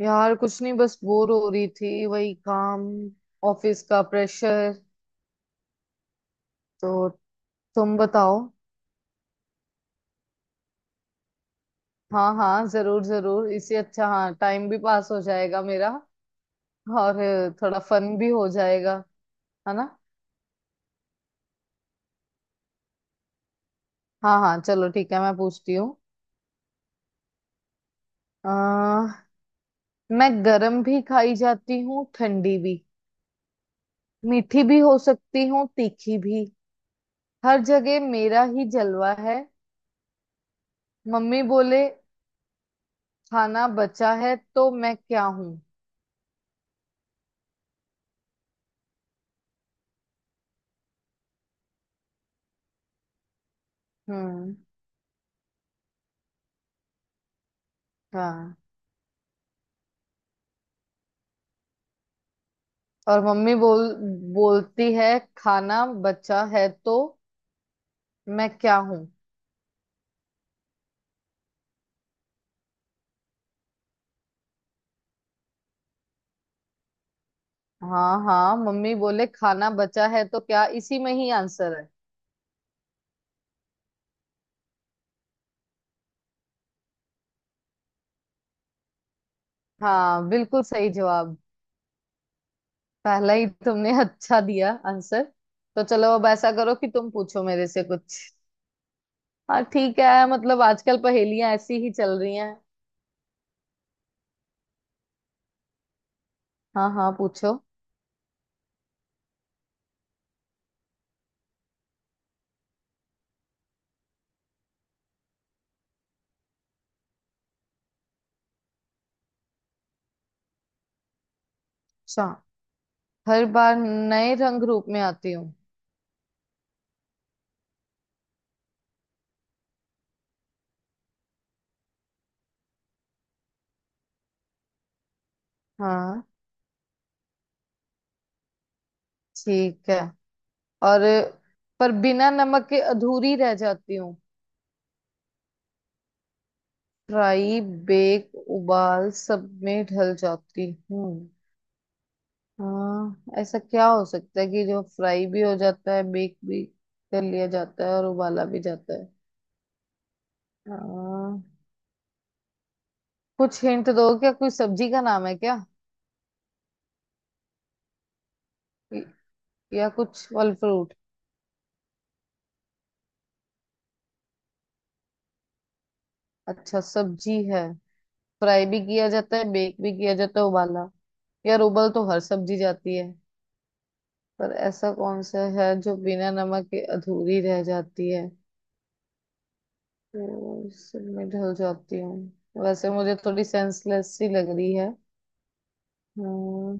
यार कुछ नहीं, बस बोर हो रही थी। वही काम, ऑफिस का प्रेशर। तो तुम बताओ। हाँ हाँ, जरूर जरूर, इससे अच्छा। हाँ, टाइम भी पास हो जाएगा मेरा, और थोड़ा फन भी हो जाएगा, है ना। हाँ हाँ चलो ठीक है, मैं पूछती हूँ। अह, मैं गरम भी खाई जाती हूँ, ठंडी भी। मीठी भी हो सकती हूँ, तीखी भी। हर जगह मेरा ही जलवा है। मम्मी बोले खाना बचा है, तो मैं क्या हूँ? हम्म। हाँ, और मम्मी बोल बोलती है खाना बचा है, तो मैं क्या हूँ? हाँ हाँ, मम्मी बोले खाना बचा है, तो क्या इसी में ही आंसर है? हाँ, बिल्कुल सही जवाब। पहला ही तुमने अच्छा दिया आंसर। तो चलो, अब ऐसा करो कि तुम पूछो मेरे से कुछ। हाँ ठीक है, मतलब आजकल पहेलियां ऐसी ही चल रही हैं। हाँ हाँ, पूछो। अच्छा, हर बार नए रंग रूप में आती हूँ। हाँ ठीक है। और पर बिना नमक के अधूरी रह जाती हूँ, फ्राई बेक उबाल सब में ढल जाती हूँ। हाँ, ऐसा क्या हो सकता है कि जो फ्राई भी हो जाता है, बेक भी कर लिया जाता है और उबाला भी जाता है। हाँ, कुछ हिंट दो, क्या कोई सब्जी का नाम है क्या? य- या कुछ फल फ्रूट? अच्छा सब्जी है, फ्राई भी किया जाता है, बेक भी किया जाता है, उबाला। यार उबल तो हर सब्जी जाती है, पर ऐसा कौन सा है जो बिना नमक के अधूरी रह जाती है। तो इससे मैं ढल जाती हूँ, वैसे मुझे थोड़ी सेंसलेस सी लग रही है। हम्म।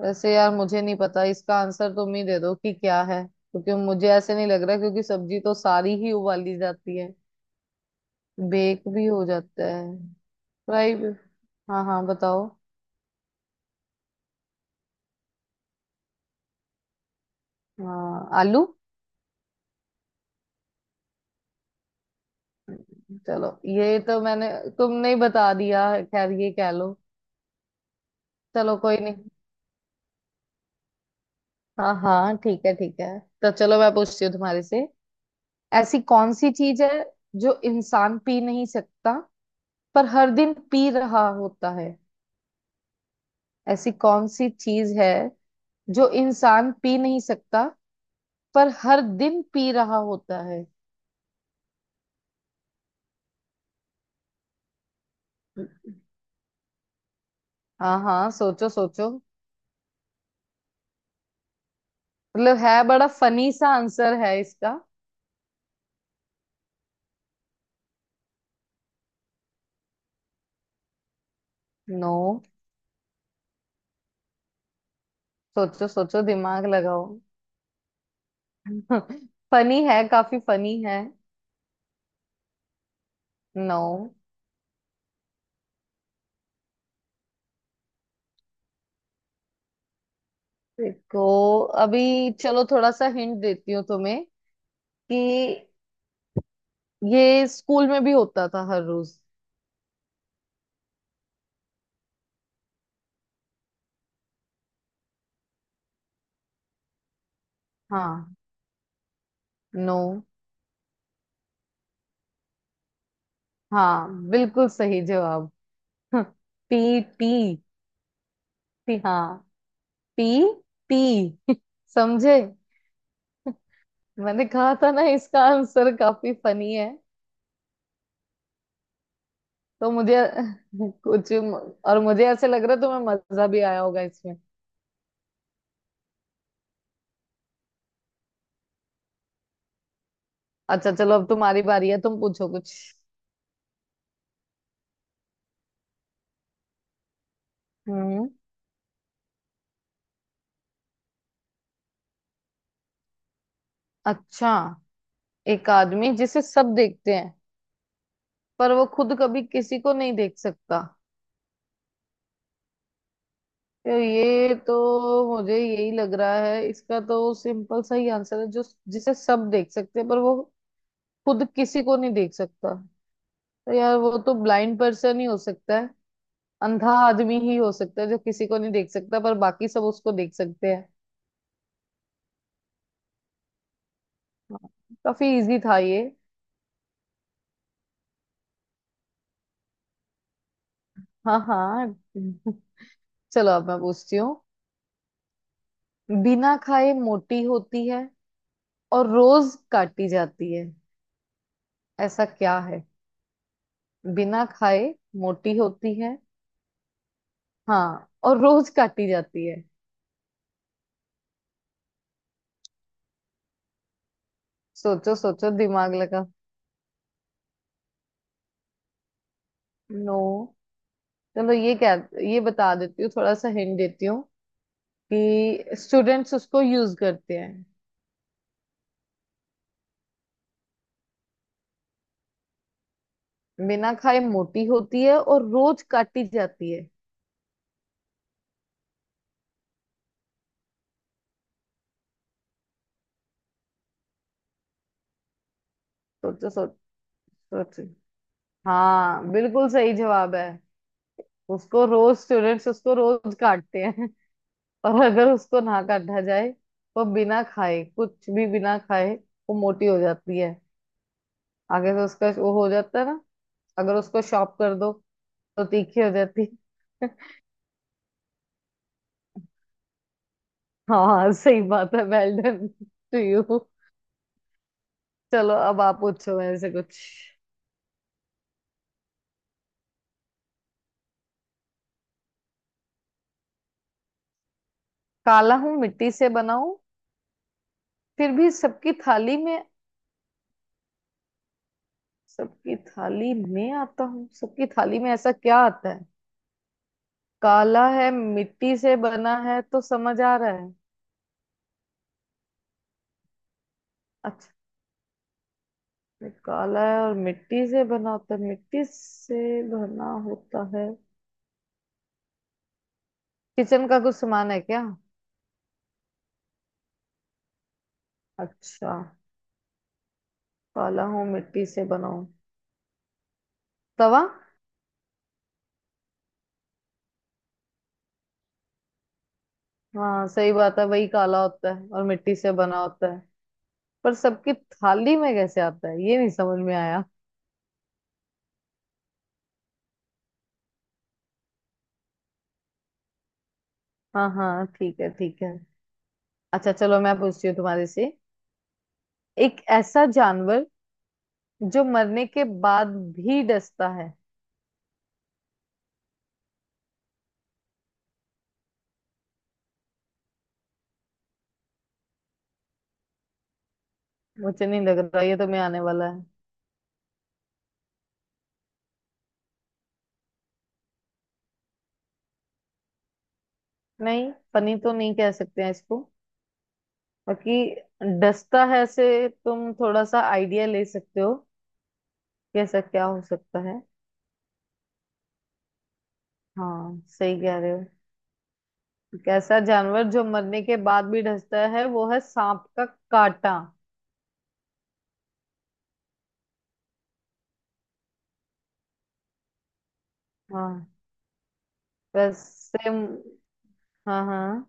वैसे यार मुझे नहीं पता इसका आंसर, तुम ही दे दो कि क्या है, क्योंकि मुझे ऐसे नहीं लग रहा, क्योंकि सब्जी तो सारी ही उबाली जाती है, बेक भी हो जाता है, फ्राई भी। हाँ हाँ, बताओ। हाँ आलू। चलो, ये तो मैंने तुमने ही बता दिया, खैर ये कह लो। चलो कोई नहीं। हाँ हाँ ठीक है ठीक है। तो चलो मैं पूछती हूँ तुम्हारे से, ऐसी कौन सी चीज है जो इंसान पी नहीं सकता, पर हर दिन पी रहा होता है। ऐसी कौन सी चीज है जो इंसान पी नहीं सकता, पर हर दिन पी रहा होता है। हाँ हाँ, सोचो सोचो। मतलब है, बड़ा फनी सा आंसर है इसका। नो। सोचो सोचो, दिमाग लगाओ। फनी है, काफी फनी है। नो। देखो, अभी चलो थोड़ा सा हिंट देती हूँ तुम्हें, कि ये स्कूल में भी होता था हर रोज। हाँ। नो। हाँ, बिल्कुल सही जवाब। पी टी, टी हाँ, पी टी। समझे? मैंने कहा था ना, इसका आंसर काफी फनी है। तो मुझे कुछ और मुझे ऐसे लग रहा है तुम्हें मजा भी आया होगा इसमें। अच्छा चलो, अब तुम्हारी बारी है, तुम पूछो कुछ। हम्म। अच्छा, एक आदमी जिसे सब देखते हैं, पर वो खुद कभी किसी को नहीं देख सकता। तो ये तो, मुझे यही लग रहा है, इसका तो सिंपल सा ही आंसर है जो। जिसे सब देख सकते हैं, पर वो खुद किसी को नहीं देख सकता, तो यार वो तो ब्लाइंड पर्सन ही हो सकता है। अंधा आदमी ही हो सकता है, जो किसी को नहीं देख सकता, पर बाकी सब उसको देख सकते हैं। हाँ, काफी इजी था ये। हाँ हाँ, चलो अब मैं पूछती हूँ। बिना खाए मोटी होती है, और रोज काटी जाती है, ऐसा क्या है। बिना खाए मोटी होती है। हाँ, और रोज काटी जाती है। सोचो सोचो, दिमाग लगा। नो। चलो ये क्या, ये बता देती हूँ, थोड़ा सा हिंट देती हूँ कि स्टूडेंट्स उसको यूज करते हैं। बिना खाए मोटी होती है और रोज काटी जाती है। सोचो सोचो सोचो। हाँ, बिल्कुल सही जवाब है। उसको रोज स्टूडेंट्स उसको रोज काटते हैं। और अगर उसको ना काटा जाए, वो बिना खाए, कुछ भी बिना खाए वो मोटी हो जाती है। आगे से उसका वो हो जाता है ना, अगर उसको शॉप कर दो तो तीखी हो जाती है। हाँ सही बात है, वेल डन टू यू। चलो अब आप पूछो मेरे से कुछ। काला हूं मिट्टी से बना हूं, फिर भी सबकी थाली में, सबकी थाली में आता हूँ। सबकी थाली में ऐसा क्या आता है? काला है, मिट्टी से बना है, तो समझ आ रहा है। अच्छा, काला है और मिट्टी से बना होता है, मिट्टी से बना होता है। किचन का कुछ सामान है क्या? अच्छा, काला हूँ मिट्टी से बना हूँ, तवा। हाँ सही बात है, वही काला होता है और मिट्टी से बना होता है। पर सबकी थाली में कैसे आता है, ये नहीं समझ में आया। हाँ हाँ ठीक है ठीक है। अच्छा चलो मैं पूछती हूँ तुम्हारे से, एक ऐसा जानवर जो मरने के बाद भी डसता है। मुझे नहीं लग रहा ये, तो मैं आने वाला है। नहीं, पनी तो नहीं कह सकते हैं इसको, बाकी डसता है से तुम थोड़ा सा आइडिया ले सकते हो, कैसा क्या हो सकता है। हाँ सही कह रहे हो, कैसा जानवर जो मरने के बाद भी डसता है, वो है सांप का कांटा। हाँ, वैसे हाँ। हाँ।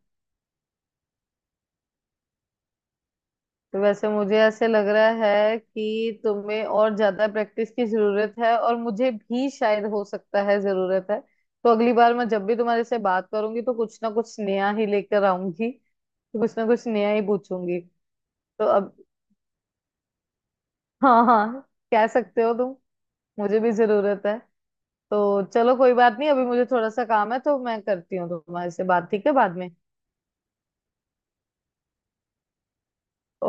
तो वैसे मुझे ऐसे लग रहा है कि तुम्हें और ज्यादा प्रैक्टिस की जरूरत है, और मुझे भी शायद हो सकता है जरूरत है। तो अगली बार मैं जब भी तुम्हारे से बात करूंगी, तो कुछ ना कुछ नया ही लेकर आऊंगी, तो कुछ ना कुछ नया ही पूछूंगी। तो अब हाँ हाँ, कह सकते हो तुम, मुझे भी जरूरत है। तो चलो कोई बात नहीं, अभी मुझे थोड़ा सा काम है, तो मैं करती हूँ तुम्हारे से बात, ठीक है बाद में।